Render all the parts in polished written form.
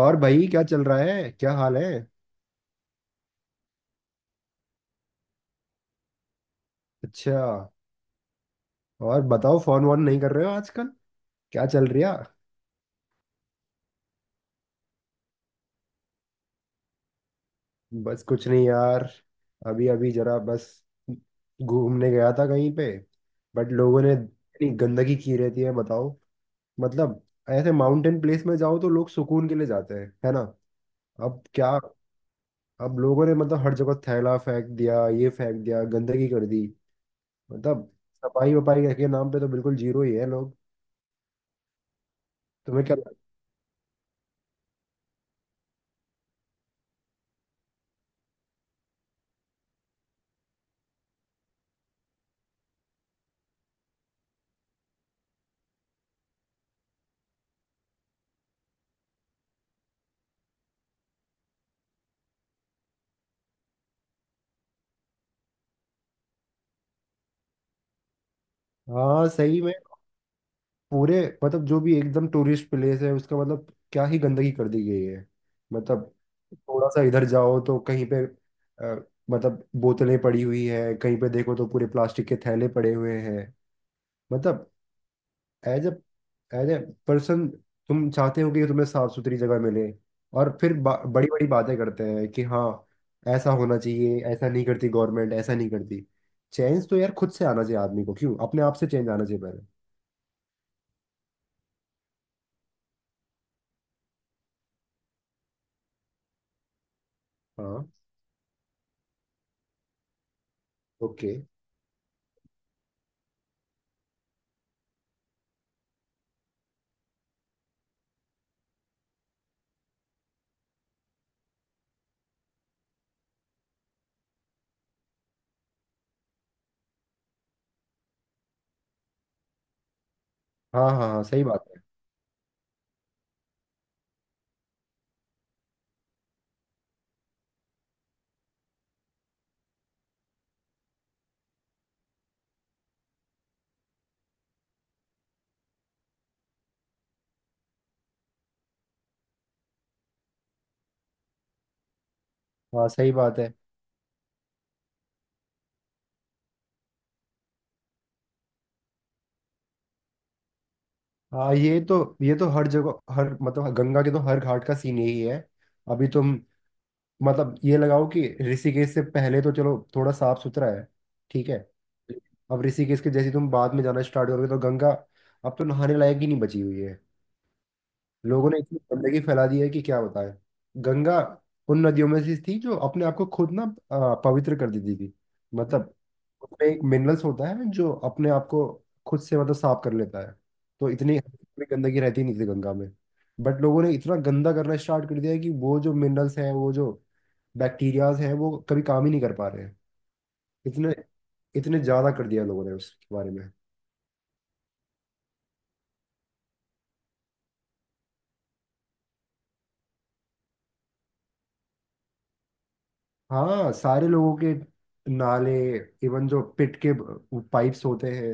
और भाई, क्या चल रहा है? क्या हाल है? अच्छा। और बताओ, फोन वोन नहीं कर रहे हो आजकल? क्या चल रहा? बस कुछ नहीं यार। अभी अभी जरा बस घूमने गया था कहीं पे। बट लोगों ने इतनी गंदगी की रहती है, बताओ। मतलब, ऐसे माउंटेन प्लेस में जाओ तो लोग सुकून के लिए जाते हैं, है ना। अब क्या, अब लोगों ने मतलब हर जगह थैला फेंक दिया, ये फेंक दिया, गंदगी कर दी। मतलब, सफाई वफाई के नाम पे तो बिल्कुल जीरो ही है लोग। तुम्हें क्या। हाँ, सही में। पूरे मतलब, जो भी एकदम टूरिस्ट प्लेस है उसका, मतलब क्या ही गंदगी कर दी गई है। मतलब, थोड़ा सा इधर जाओ तो कहीं पे मतलब बोतलें पड़ी हुई है, कहीं पे देखो तो पूरे प्लास्टिक के थैले पड़े हुए हैं। मतलब, as uh as a person, तुम चाहते हो कि तुम्हें साफ सुथरी जगह मिले। और फिर बड़ी बड़ी बातें करते हैं कि हाँ, ऐसा होना चाहिए, ऐसा नहीं करती गवर्नमेंट, ऐसा नहीं करती। चेंज तो यार खुद से आना चाहिए आदमी को, क्यों, अपने आप से चेंज आना चाहिए पहले। हाँ। ओके। हाँ, हाँ, हाँ, सही बात है। हाँ, सही बात है। हाँ, ये तो, ये तो हर जगह, हर मतलब हाँ, गंगा के तो हर घाट का सीन यही है। अभी तुम, मतलब ये लगाओ कि ऋषिकेश से पहले तो चलो थोड़ा साफ सुथरा है, ठीक है। अब ऋषिकेश के जैसे तुम बाद में जाना स्टार्ट करोगे तो गंगा अब तो नहाने लायक ही नहीं बची हुई है। लोगों ने इतनी गंदगी फैला दी है कि क्या बताएं। गंगा उन नदियों में से थी जो अपने आप को खुद ना पवित्र कर देती थी। मतलब उसमें एक मिनरल्स होता है जो अपने आप को खुद से मतलब साफ कर लेता है। तो इतनी इतनी गंदगी रहती नहीं थी गंगा में। बट लोगों ने इतना गंदा करना स्टार्ट कर दिया है कि वो जो मिनरल्स हैं, वो जो बैक्टीरियाज हैं, वो कभी काम ही नहीं कर पा रहे हैं। इतने इतने ज्यादा कर दिया लोगों ने उसके बारे में। हाँ, सारे लोगों के नाले, इवन जो पिट के पाइप्स होते हैं,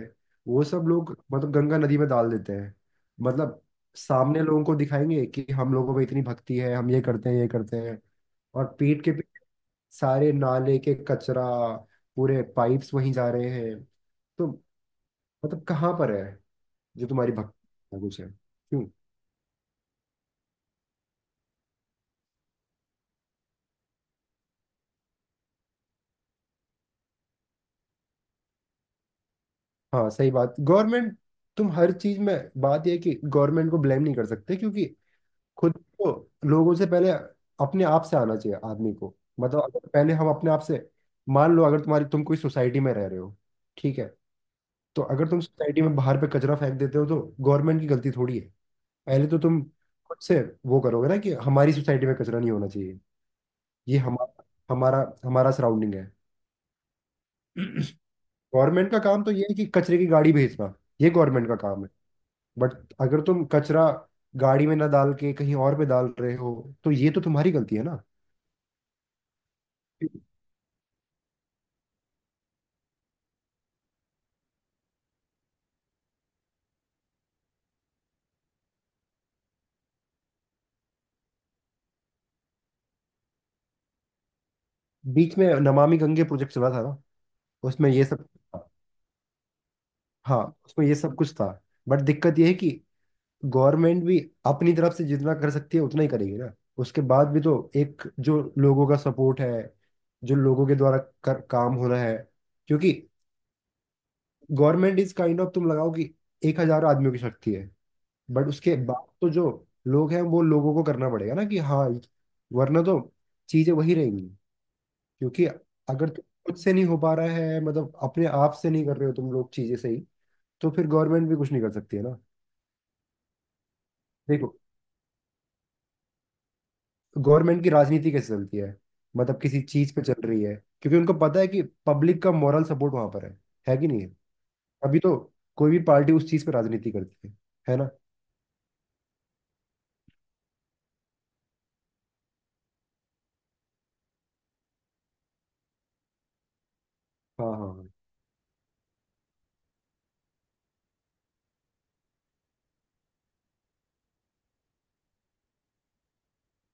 वो सब लोग मतलब गंगा नदी में डाल देते हैं। मतलब, सामने लोगों को दिखाएंगे कि हम लोगों में इतनी भक्ति है, हम ये करते हैं, ये करते हैं, और पीठ के पीछे सारे नाले के कचरा, पूरे पाइप्स वहीं जा रहे हैं। तो मतलब कहाँ पर है जो तुम्हारी भक्ति है, कुछ है क्यों। हाँ, सही बात। गवर्नमेंट, तुम हर चीज में, बात यह है कि गवर्नमेंट को ब्लेम नहीं कर सकते, क्योंकि खुद को लोगों से पहले, अपने आप से आना चाहिए आदमी को। मतलब अगर पहले हम अपने आप से, मान लो अगर तुम कोई सोसाइटी में रह रहे हो, ठीक है। तो अगर तुम सोसाइटी में बाहर पे कचरा फेंक देते हो तो गवर्नमेंट की गलती थोड़ी है। पहले तो तुम खुद से वो करोगे ना कि हमारी सोसाइटी में कचरा नहीं होना चाहिए। ये हमारा हमारा हमारा सराउंडिंग है। गवर्नमेंट का काम तो ये है कि कचरे की गाड़ी भेजना, ये गवर्नमेंट का काम है। बट अगर तुम कचरा गाड़ी में ना डाल के कहीं और पे डाल रहे हो, तो ये तो तुम्हारी गलती है ना। बीच में नमामि गंगे प्रोजेक्ट चला था ना, उसमें ये सब। हाँ, उसमें ये सब कुछ था। बट दिक्कत ये है कि गवर्नमेंट भी अपनी तरफ से जितना कर सकती है उतना ही करेगी ना। उसके बाद भी तो एक जो लोगों का सपोर्ट है, जो लोगों के द्वारा काम हो रहा है, क्योंकि गवर्नमेंट इज काइंड ऑफ, तुम लगाओ कि 1,000 आदमियों की शक्ति है। बट उसके बाद तो जो लोग हैं वो लोगों को करना पड़ेगा ना कि हाँ, वरना तो चीजें वही रहेंगी, क्योंकि अगर तुम खुद से नहीं हो पा रहा है, मतलब अपने आप से नहीं कर रहे हो तुम लोग चीजें सही, तो फिर गवर्नमेंट भी कुछ नहीं कर सकती है ना। देखो, गवर्नमेंट की राजनीति कैसे चलती है, मतलब किसी चीज पे चल रही है, क्योंकि उनको पता है कि पब्लिक का मॉरल सपोर्ट वहां पर है कि नहीं है। अभी तो कोई भी पार्टी उस चीज पे राजनीति करती है ना। हाँ, हाँ, हाँ,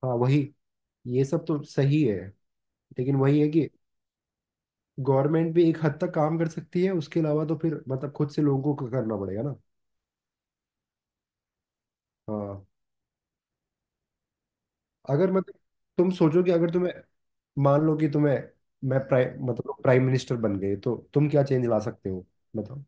हाँ, वही। ये सब तो सही है, लेकिन वही है कि गवर्नमेंट भी एक हद तक काम कर सकती है, उसके अलावा तो फिर मतलब खुद से लोगों को करना पड़ेगा ना। हाँ। अगर मतलब तुम सोचो कि अगर तुम्हें, मान लो कि तुम्हें, मैं प्राइम, मतलब प्राइम मिनिस्टर बन गए तो तुम क्या चेंज ला सकते हो। मतलब।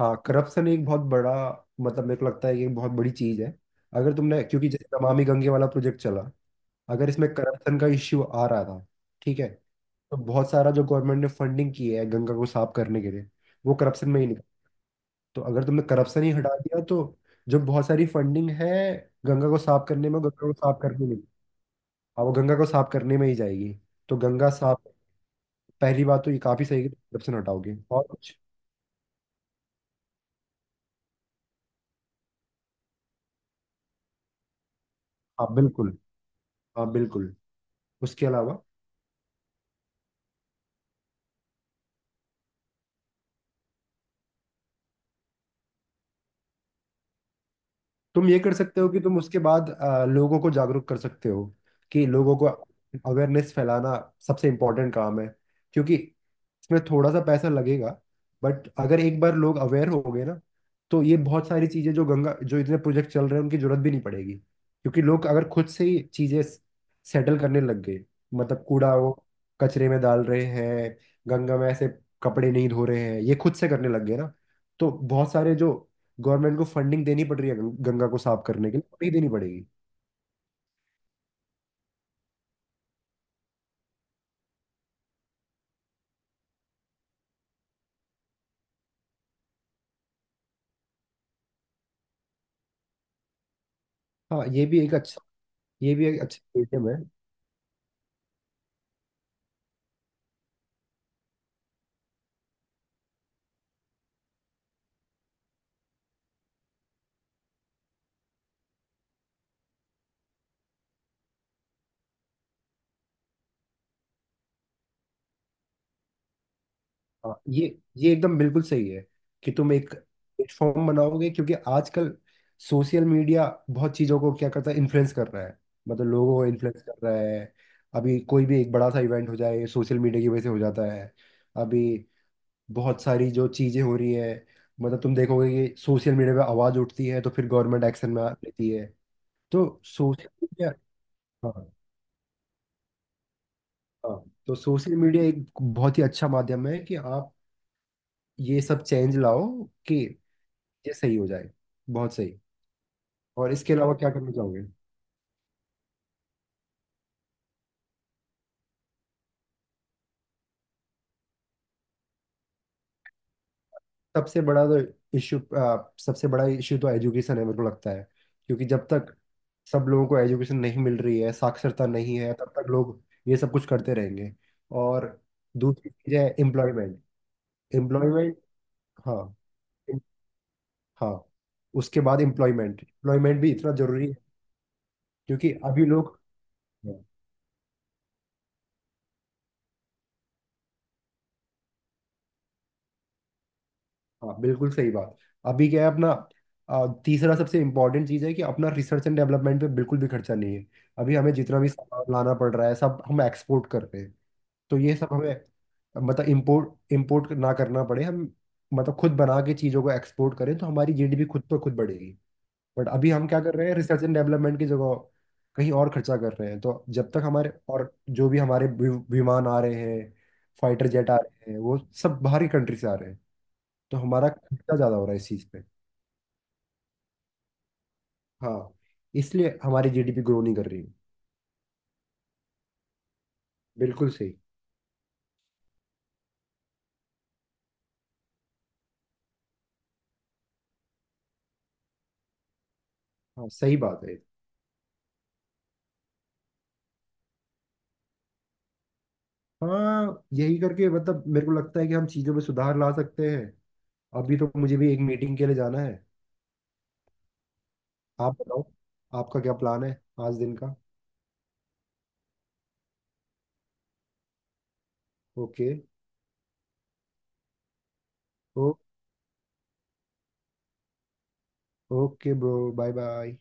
हाँ, करप्शन एक बहुत बड़ा, मतलब मेरे को लगता है कि एक बहुत बड़ी चीज है। अगर तुमने, क्योंकि जैसे नमामि गंगे वाला प्रोजेक्ट चला, अगर इसमें करप्शन का इश्यू आ रहा था, ठीक है। तो बहुत सारा जो गवर्नमेंट ने फंडिंग की है गंगा को साफ करने के लिए, वो करप्शन में ही निकल। तो अगर तुमने करप्शन ही हटा दिया तो जो बहुत सारी फंडिंग है गंगा को साफ करने में, गंगा को साफ करने में, हाँ, वो गंगा को साफ करने में ही जाएगी। तो गंगा साफ। पहली बात तो ये काफी सही है कि corruption हटाओगे, और कुछ। हाँ, बिल्कुल। हाँ, बिल्कुल। उसके अलावा, तुम ये कर सकते हो कि तुम उसके बाद लोगों को जागरूक कर सकते हो, कि लोगों को अवेयरनेस फैलाना सबसे इम्पोर्टेंट काम है, क्योंकि इसमें थोड़ा सा पैसा लगेगा। बट अगर एक बार लोग अवेयर हो गए ना, तो ये बहुत सारी चीज़ें जो गंगा, जो इतने प्रोजेक्ट चल रहे हैं उनकी जरूरत भी नहीं पड़ेगी, क्योंकि लोग अगर खुद से ही चीज़ें सेटल करने लग गए, मतलब कूड़ा वो कचरे में डाल रहे हैं, गंगा में ऐसे कपड़े नहीं धो रहे हैं, ये खुद से करने लग गए ना, तो बहुत सारे जो गवर्नमेंट को फंडिंग देनी पड़ रही है गंगा को साफ करने के लिए, नहीं देनी पड़ेगी। हाँ, ये भी एक अच्छा, ये भी एक अच्छा मीडियम है। हाँ, ये एकदम बिल्कुल सही है कि तुम एक प्लेटफॉर्म बनाओगे, क्योंकि आजकल सोशल मीडिया बहुत चीज़ों को क्या करता है, इन्फ्लुएंस कर रहा है, मतलब लोगों को इन्फ्लुएंस कर रहा है। अभी कोई भी एक बड़ा सा इवेंट हो जाए, सोशल मीडिया की वजह से हो जाता है। अभी बहुत सारी जो चीज़ें हो रही है, मतलब तुम देखोगे कि सोशल मीडिया पे आवाज़ उठती है तो फिर गवर्नमेंट एक्शन में लेती है। तो सोशल मीडिया, हाँ, तो सोशल मीडिया एक बहुत ही अच्छा माध्यम है कि आप ये सब चेंज लाओ, कि ये सही हो जाए। बहुत सही। और इसके अलावा क्या करना चाहोगे? सबसे बड़ा तो इश्यू, सबसे बड़ा इश्यू तो एजुकेशन है मेरे को लगता है, क्योंकि जब तक सब लोगों को एजुकेशन नहीं मिल रही है, साक्षरता नहीं है, तब तक लोग ये सब कुछ करते रहेंगे। और दूसरी चीज है एम्प्लॉयमेंट। एम्प्लॉयमेंट। हाँ, हाँ, उसके बाद एम्प्लॉयमेंट, एम्प्लॉयमेंट भी इतना जरूरी है, क्योंकि अभी लोग। हाँ, बिल्कुल सही बात। अभी क्या है अपना, तीसरा सबसे इम्पोर्टेंट चीज़ है कि अपना रिसर्च एंड डेवलपमेंट पे बिल्कुल भी खर्चा नहीं है। अभी हमें जितना भी सामान लाना पड़ रहा है सब हम एक्सपोर्ट कर रहे हैं। तो ये सब हमें, मतलब इम्पोर्ट इम्पोर्ट ना करना पड़े, हम मतलब खुद बना के चीज़ों को एक्सपोर्ट करें, तो हमारी जीडीपी खुद पर खुद बढ़ेगी। बट अभी हम क्या कर रहे हैं, रिसर्च एंड डेवलपमेंट की जगह कहीं और खर्चा कर रहे हैं। तो जब तक हमारे, और जो भी हमारे विमान आ रहे हैं, फाइटर जेट आ रहे हैं, वो सब बाहरी कंट्री से आ रहे हैं, तो हमारा खर्चा ज्यादा हो रहा है इस चीज पे। हाँ, इसलिए हमारी जीडीपी ग्रो नहीं कर रही है। बिल्कुल सही। हाँ, सही बात है। हाँ, यही करके, मतलब मेरे को लगता है कि हम चीजों में सुधार ला सकते हैं। अभी तो मुझे भी एक मीटिंग के लिए जाना है। आप बताओ, आपका क्या प्लान है आज दिन का? ओके। ओ, ओके ब्रो, बाय बाय।